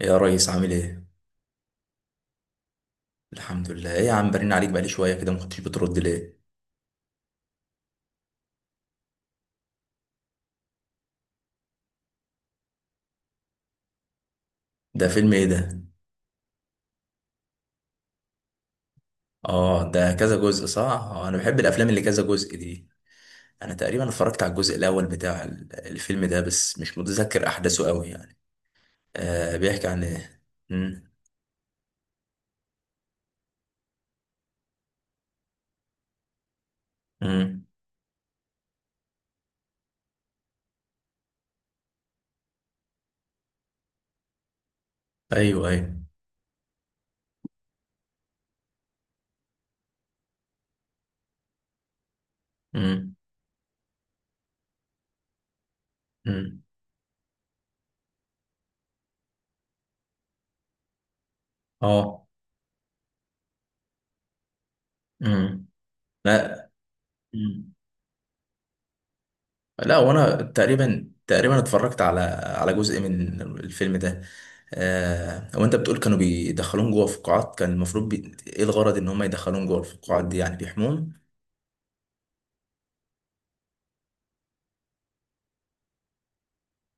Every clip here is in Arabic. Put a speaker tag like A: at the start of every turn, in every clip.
A: يا ريس، عامل ايه؟ الحمد لله ايه يا عم، برن عليك بقالي شوية كده، ما كنتش بترد ليه؟ ده فيلم ايه ده؟ اه، ده كذا جزء، صح؟ آه، انا بحب الافلام اللي كذا جزء دي. انا تقريبا اتفرجت على الجزء الاول بتاع الفيلم ده، بس مش متذكر احداثه قوي يعني. آه، بيحكي عن ايه؟ امم. امم. ايوه، ايوه. امم. امم. اه. امم. لا. لا، وانا تقريبا اتفرجت على جزء من الفيلم ده. آه، وانت بتقول كانوا بيدخلون جوه فقاعات، كان المفروض ايه الغرض ان هم يدخلون جوه الفقاعات دي؟ يعني بيحمون؟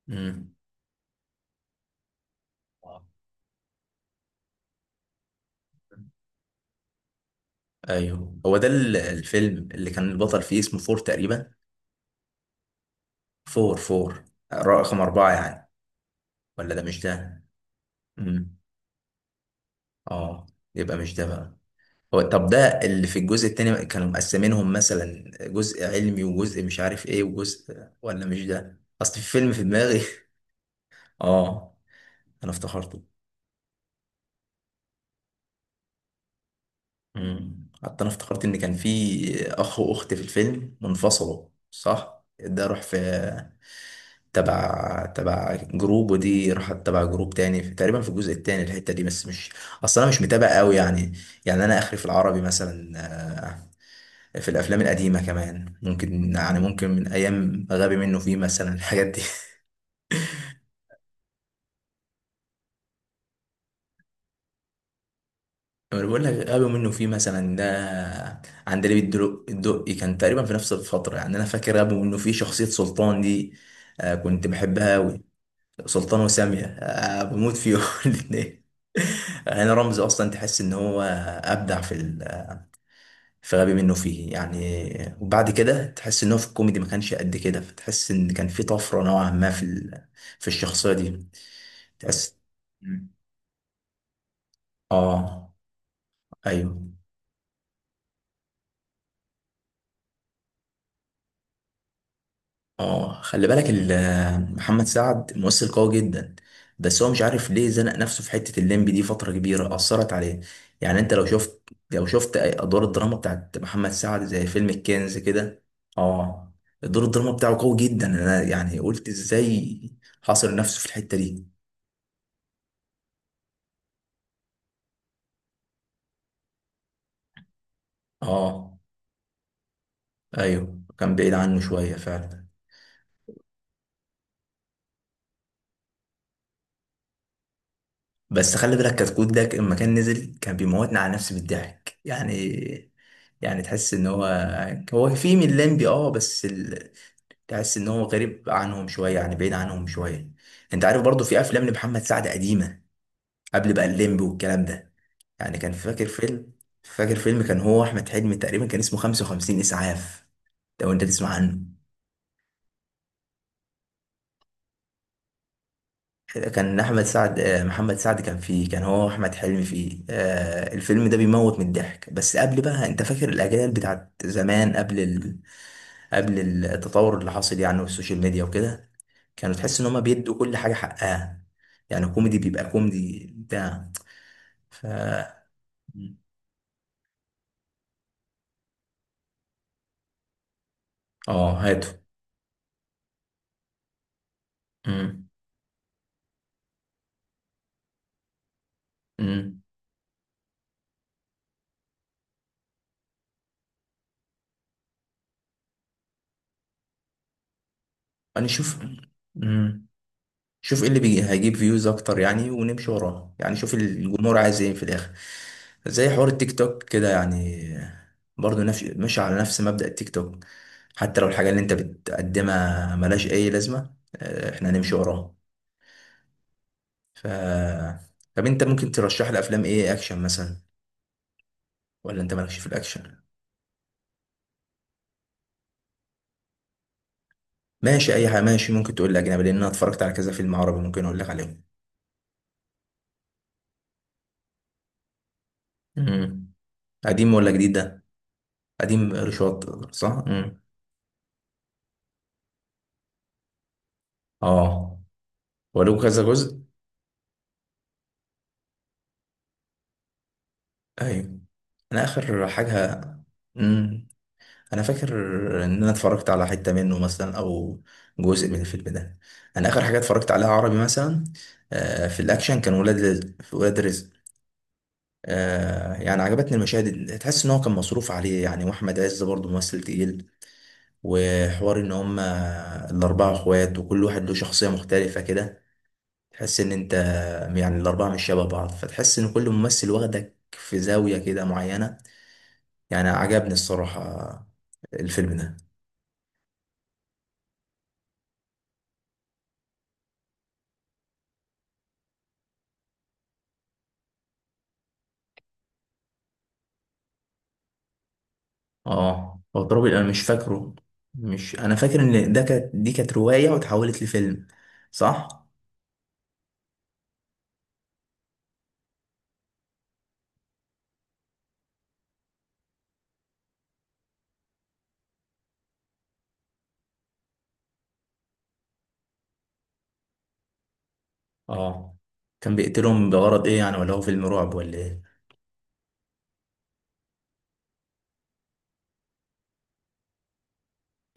A: امم. آه. ايوه، هو ده الفيلم اللي كان البطل فيه اسمه فور تقريبا. فور، رقم أربعة يعني. ولا ده مش ده. امم. اه. يبقى مش ده بقى. هو طب ده اللي في الجزء التاني كانوا مقسمينهم مثلا جزء علمي وجزء مش عارف ايه وجزء، ولا مش ده، اصل في فيلم في دماغي اه، انا افتكرته. امم، حتى انا افتكرت ان كان في اخ واخت في الفيلم منفصلوا، صح، ده راح في تبع جروب، ودي راحت تبع جروب تاني، في تقريبا في الجزء التاني الحتة دي، بس مش، اصل انا مش متابع قوي يعني. يعني انا اخري في العربي مثلا، في الافلام القديمه كمان، ممكن يعني، ممكن من ايام غبي منه فيه مثلا الحاجات دي انا بقول لك، غبي منه فيه مثلا ده، عندليب الدقي كان تقريبا في نفس الفتره، يعني انا فاكر غبي منه فيه شخصيه سلطان دي. آه، كنت بحبها قوي. سلطان وساميه، بموت فيهم الاثنين. هنا رمزي اصلا تحس ان هو ابدع في في غبي منه فيه يعني، وبعد كده تحس ان هو في الكوميدي ما كانش قد كده، فتحس ان كان في طفره نوعا ما في في الشخصيه دي. تأس مم. اه. ايوه. اه، خلي بالك محمد سعد ممثل قوي جدا، بس هو مش عارف ليه زنق نفسه في حتة الليمبي دي، فترة كبيرة أثرت عليه. يعني انت لو شفت، لو شفت أدوار الدراما بتاعت محمد سعد زي فيلم الكنز كده. اه، دور الدراما بتاعه قوي جدا، انا يعني قلت ازاي حاصر نفسه في الحتة دي. اه، ايوه، كان بعيد عنه شوية فعلا. بس خلي بالك كتكوت ده لما كان نزل، كان بيموتنا على نفسي بالضحك يعني. يعني تحس ان هو، هو في من لمبي اه، بس تحس ان هو غريب عنهم شويه، يعني بعيد عنهم شويه. انت عارف برضو في افلام لمحمد سعد قديمه، قبل بقى الليمبي والكلام ده. يعني كان فاكر فيلم. فاكر فيلم كان هو احمد حلمي تقريبا، كان اسمه 55 اسعاف. لو انت تسمع عنه، كان احمد سعد، محمد سعد كان فيه، كان هو احمد حلمي فيه، الفيلم ده بيموت من الضحك. بس قبل بقى، انت فاكر الاجيال بتاعت زمان، قبل قبل التطور اللي حاصل يعني، والسوشيال ميديا وكده. كانوا تحس ان هما بيدوا كل حاجه حقها، يعني كوميدي بيبقى كوميدي بتاع. ف اه هاتوا. امم. امم. انا شوف ايه اللي بيجي هيجيب فيوز اكتر يعني، ونمشي وراه يعني، شوف الجمهور عايز ايه في الاخر. زي حوار التيك توك كده يعني، برضه نفس، ماشي على نفس مبدأ التيك توك. حتى لو الحاجة اللي انت بتقدمها ملهاش اي لازمة، احنا هنمشي وراها. ف طب انت ممكن ترشح لي افلام ايه؟ اكشن مثلا، ولا انت مالكش في الاكشن؟ ماشي، اي حاجة ماشي، ممكن تقول لي اجنبي، لان انا اتفرجت على كذا فيلم عربي ممكن اقول لك عليهم. امم. قديم ولا جديد ده؟ قديم رشاط، صح. امم. اه. ولو كذا جزء. ايوه، انا اخر حاجه. امم، انا فاكر ان انا اتفرجت على حته منه مثلا، او جزء من الفيلم ده. انا اخر حاجه اتفرجت عليها عربي مثلا، آه، في الاكشن كان ولاد رزق. في ولاد رزق، آه، يعني عجبتني المشاهد تحس ان هو كان مصروف عليه يعني، واحمد عز برضه ممثل تقيل، وحوار ان هم الاربعه اخوات، وكل واحد له شخصيه مختلفه كده، تحس ان انت، يعني الاربعه مش شبه بعض، فتحس ان كل ممثل واخدك في زاويه كده معينه. يعني عجبني الصراحة الفيلم ده. اه، هو ترابي انا مش فاكره. مش، انا فاكر ان ده كانت، دي كانت رواية واتحولت لفيلم، صح. اه، كان بيقتلهم بغرض ايه يعني؟ ولا هو فيلم رعب ولا ايه؟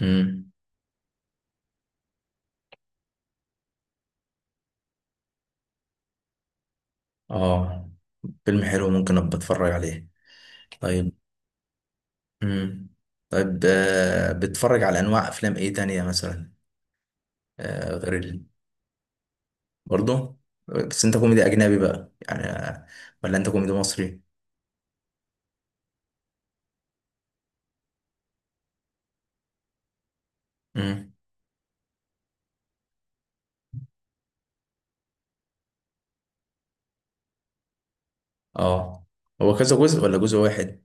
A: امم. اه، فيلم حلو، ممكن ابقى اتفرج عليه. طيب. امم. طيب، آه، بتتفرج على انواع افلام ايه تانية مثلا، آه، غير برضه بس انت كوميدي اجنبي بقى يعني، ولا انت كوميدي مصري؟ اه، هو كذا جزء ولا جزء واحد؟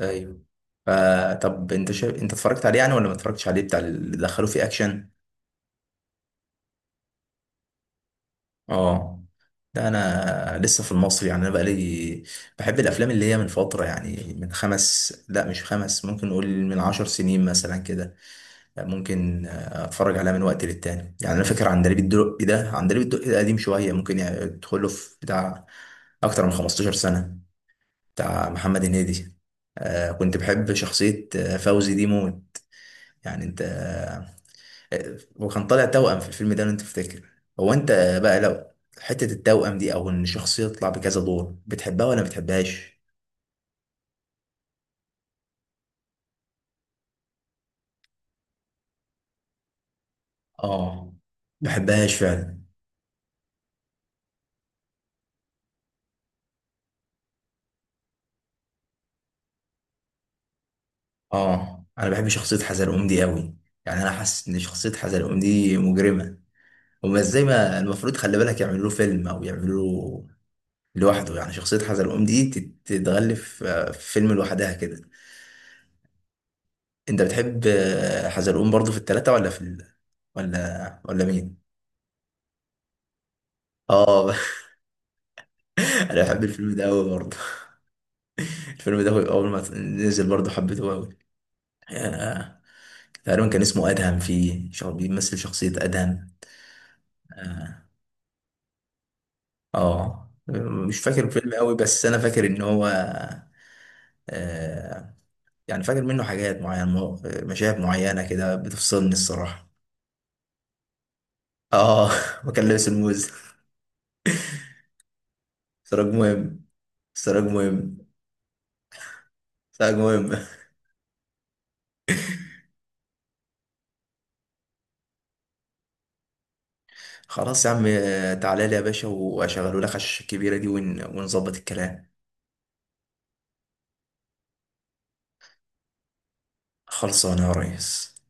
A: ايوه، آه، طب انت انت اتفرجت عليه يعني ولا ما اتفرجتش عليه بتاع اللي دخلوه فيه اكشن؟ اه، ده انا لسه في المصري يعني، انا بقالي بحب الافلام اللي هي من فتره يعني، من خمس، لا مش خمس، ممكن نقول من عشر سنين مثلا كده، ممكن اتفرج عليها من وقت للتاني يعني. انا فاكر عندليب الدقي ده، عندليب الدقي ده قديم شويه، ممكن يعني يدخله في بتاع اكتر من 15 سنه، بتاع محمد هنيدي. آه، كنت بحب شخصية فوزي دي موت، يعني انت، آه، وكان طالع توأم في الفيلم ده لو انت تفتكر. هو انت بقى، لو حتة التوأم دي او ان شخصية تطلع بكذا دور، بتحبها ولا ما بتحبهاش؟ اه، بحبهاش فعلا. اه، انا بحب شخصية حزلقوم دي قوي، يعني انا حاسس ان شخصية حزلقوم دي مجرمة. هما ازاي ما المفروض، خلي بالك، يعملوا له فيلم او يعملوا له لوحده يعني؟ شخصية حزلقوم دي تتغلف في فيلم لوحدها كده. انت بتحب حزلقوم برضو في التلاتة ولا في ولا مين؟ اه انا بحب الفيلم ده قوي برضه. الفيلم ده اول ما نزل برضه حبيته قوي. آه، تقريبا كان اسمه ادهم، فيه بيمثل شخصية ادهم. اه. آه. مش فاكر الفيلم قوي، بس انا فاكر ان هو، آه، يعني فاكر منه حاجات معينة، مشاهد معينة كده بتفصلني الصراحة. اه وكان لابس الموز. سراج مهم. سراج مهم. سراج مهم. خلاص يا عم، تعالى لي يا باشا واشغله لك على الشاشة الكبيرة دي ونظبط الكلام. خلصانه يا ريس.